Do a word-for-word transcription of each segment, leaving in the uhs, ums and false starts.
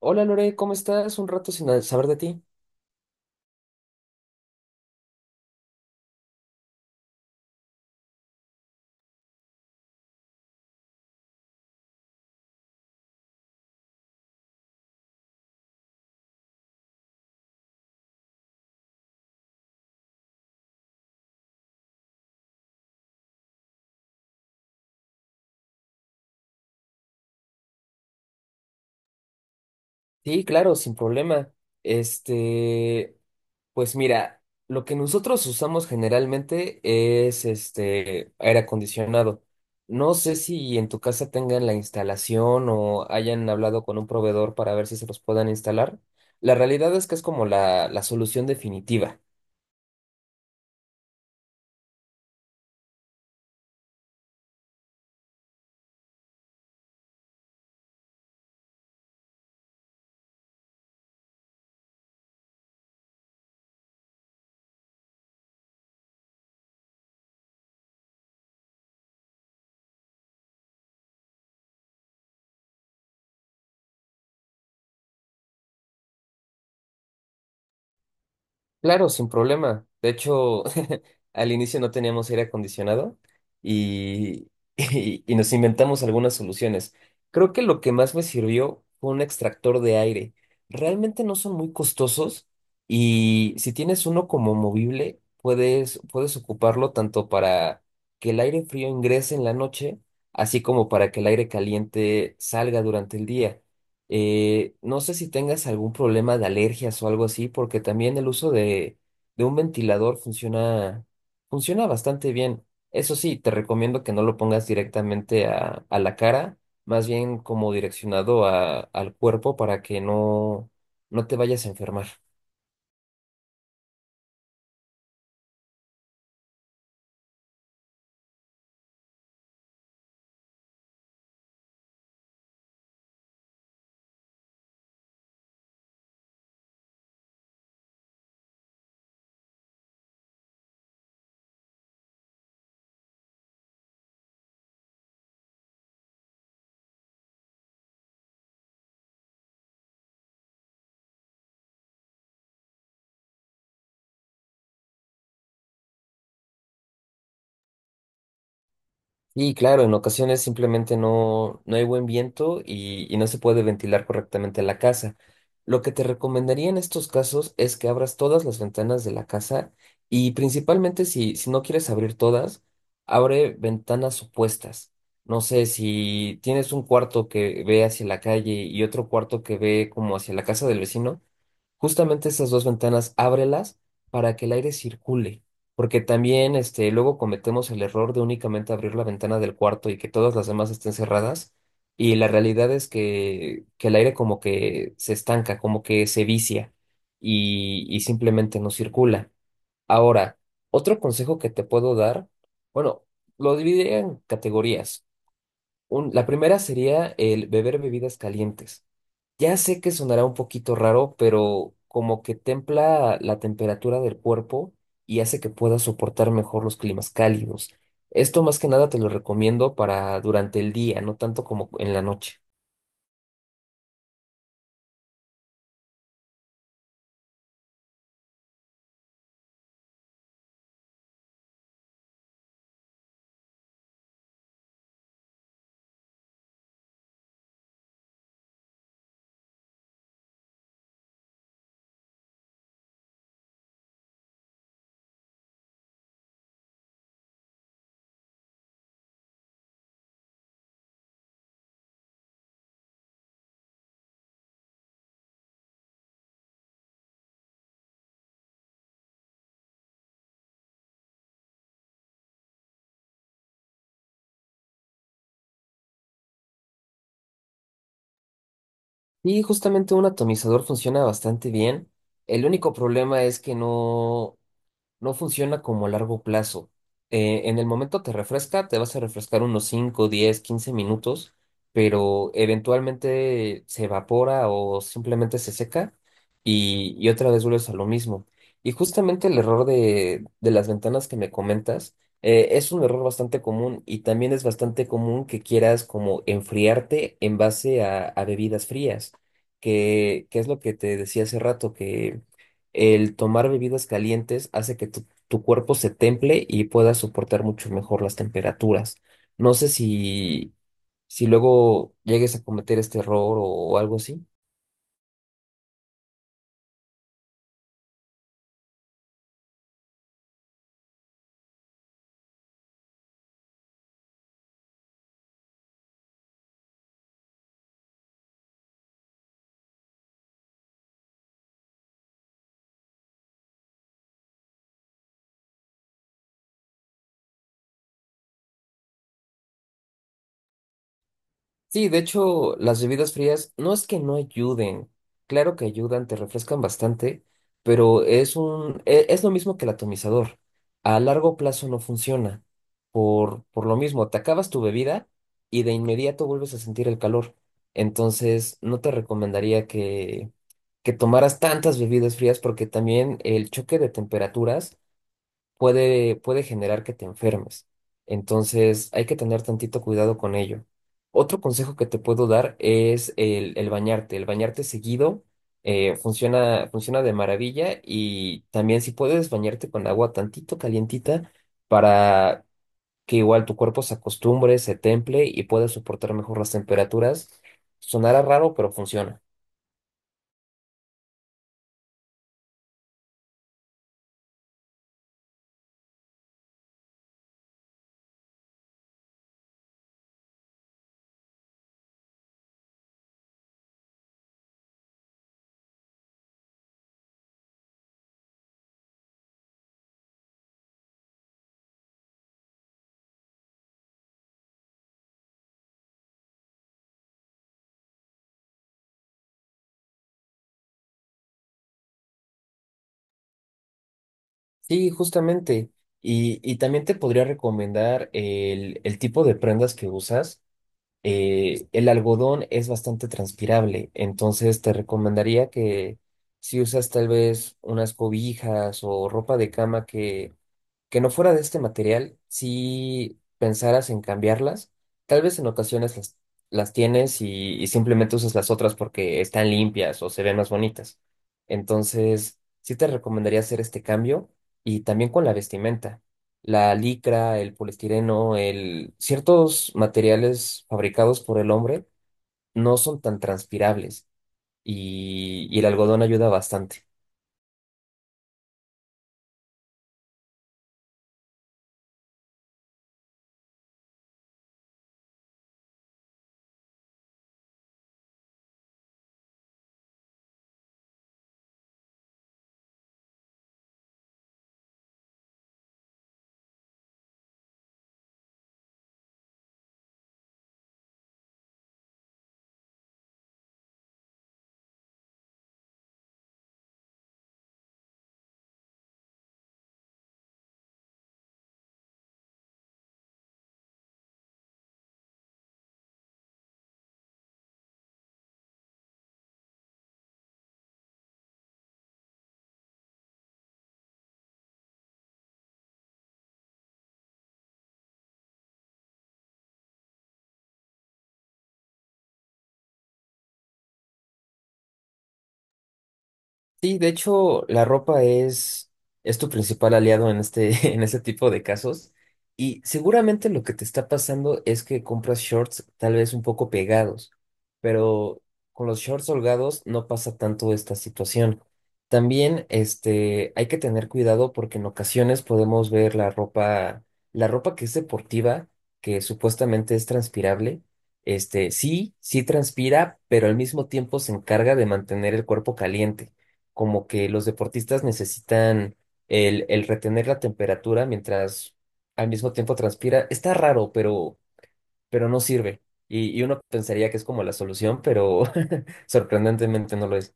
Hola Lore, ¿cómo estás? Un rato sin a- saber de ti. Sí, claro, sin problema. Este, pues mira, lo que nosotros usamos generalmente es este aire acondicionado. No sé si en tu casa tengan la instalación o hayan hablado con un proveedor para ver si se los puedan instalar. La realidad es que es como la, la solución definitiva. Claro, sin problema. De hecho, al inicio no teníamos aire acondicionado y, y, y nos inventamos algunas soluciones. Creo que lo que más me sirvió fue un extractor de aire. Realmente no son muy costosos y si tienes uno como movible, puedes, puedes ocuparlo tanto para que el aire frío ingrese en la noche, así como para que el aire caliente salga durante el día. Eh, no sé si tengas algún problema de alergias o algo así, porque también el uso de, de un ventilador funciona. Funciona bastante bien. Eso sí, te recomiendo que no lo pongas directamente a, a la cara, más bien como direccionado a- al cuerpo para que no, no te vayas a enfermar. Y claro, en ocasiones simplemente no, no hay buen viento y, y no se puede ventilar correctamente la casa. Lo que te recomendaría en estos casos es que abras todas las ventanas de la casa y principalmente si, si no quieres abrir todas, abre ventanas opuestas. No sé, si tienes un cuarto que ve hacia la calle y otro cuarto que ve como hacia la casa del vecino, justamente esas dos ventanas, ábrelas para que el aire circule, porque también este, luego cometemos el error de únicamente abrir la ventana del cuarto y que todas las demás estén cerradas, y la realidad es que, que el aire como que se estanca, como que se vicia y, y simplemente no circula. Ahora, otro consejo que te puedo dar, bueno, lo dividiría en categorías. Un- la primera sería el beber bebidas calientes. Ya sé que sonará un poquito raro, pero como que templa la temperatura del cuerpo y hace que puedas soportar mejor los climas cálidos. Esto más que nada te lo recomiendo para durante el día, no tanto como en la noche. Y justamente un atomizador funciona bastante bien. El único problema es que no, no funciona como a largo plazo. Eh, en el momento te refresca, te vas a refrescar unos cinco diez quince minutos, pero eventualmente se evapora o simplemente se seca y, y otra vez vuelves a lo mismo. Y justamente el error de, de las ventanas que me comentas eh, es un error bastante común y también es bastante común que quieras como enfriarte en base a, a bebidas frías, que, que es lo que te decía hace rato, el tomar bebidas calientes hace que tu, tu cuerpo se temple y pueda soportar mucho mejor las temperaturas. No sé si, si luego llegues a cometer este error o algo así. Sí, de hecho, las bebidas frías no es que no ayuden, claro que ayudan, te refrescan bastante, pero es un, e- es lo mismo que el atomizador. A largo plazo no funciona. Por, por lo mismo, te acabas tu bebida y de inmediato vuelves a sentir el calor. Entonces, no te recomendaría que, que tomaras tantas bebidas frías porque también el choque de temperaturas puede, puede generar que te enfermes. Entonces hay que tener tantito cuidado con ello. Otro consejo que te puedo dar es el, el bañarte. El bañarte seguido eh, funciona, funciona de maravilla y también si puedes bañarte con agua tantito calientita para que igual tu cuerpo se acostumbre, se temple y pueda soportar mejor las temperaturas. Sonará raro, pero funciona. Sí, justamente. Y, y también te podría recomendar el, el tipo de prendas que usas. Eh, el algodón es bastante transpirable, entonces te recomendaría que si usas tal vez unas cobijas o ropa de cama que que no fuera de este material, si pensaras en cambiarlas, tal vez en ocasiones las, las tienes y, y simplemente usas las otras porque están limpias o se ven más bonitas. Entonces, sí te recomendaría hacer este cambio y también con la vestimenta. La licra, el poliestireno, el... ciertos materiales fabricados por el hombre no son tan transpirables y y el algodón ayuda bastante. Sí, de hecho, la ropa es, es tu principal aliado en este, en este tipo de casos. Y seguramente lo que te está pasando es que compras shorts tal vez un poco pegados, pero con los shorts holgados no pasa tanto esta situación. También, este, hay que tener cuidado porque en ocasiones podemos ver la ropa, la ropa que es deportiva, que supuestamente es transpirable. Este, sí, sí transpira, pero al mismo tiempo se encarga de mantener el cuerpo caliente como que los deportistas necesitan el, el retener la temperatura mientras al mismo tiempo transpira. Está raro, pero, pero no sirve. Y, y uno pensaría que es como la solución, pero sorprendentemente no lo es.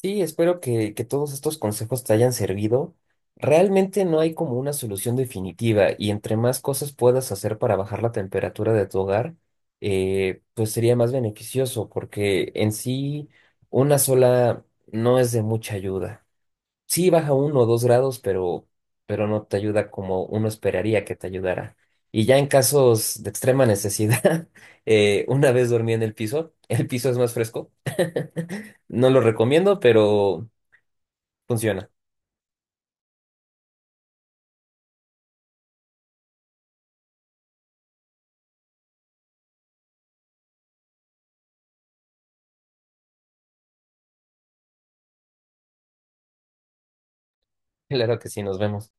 Sí, espero que, que todos estos consejos te hayan servido. Realmente no hay como una solución definitiva y entre más cosas puedas hacer para bajar la temperatura de tu hogar, eh, pues sería más beneficioso porque en sí una sola no es de mucha ayuda. Sí, baja uno o dos grados, pero, pero no te ayuda como uno esperaría que te ayudara. Y ya en casos de extrema necesidad, eh, una vez dormí en el piso, el piso es más fresco. No lo recomiendo, pero funciona. Claro que sí, nos vemos.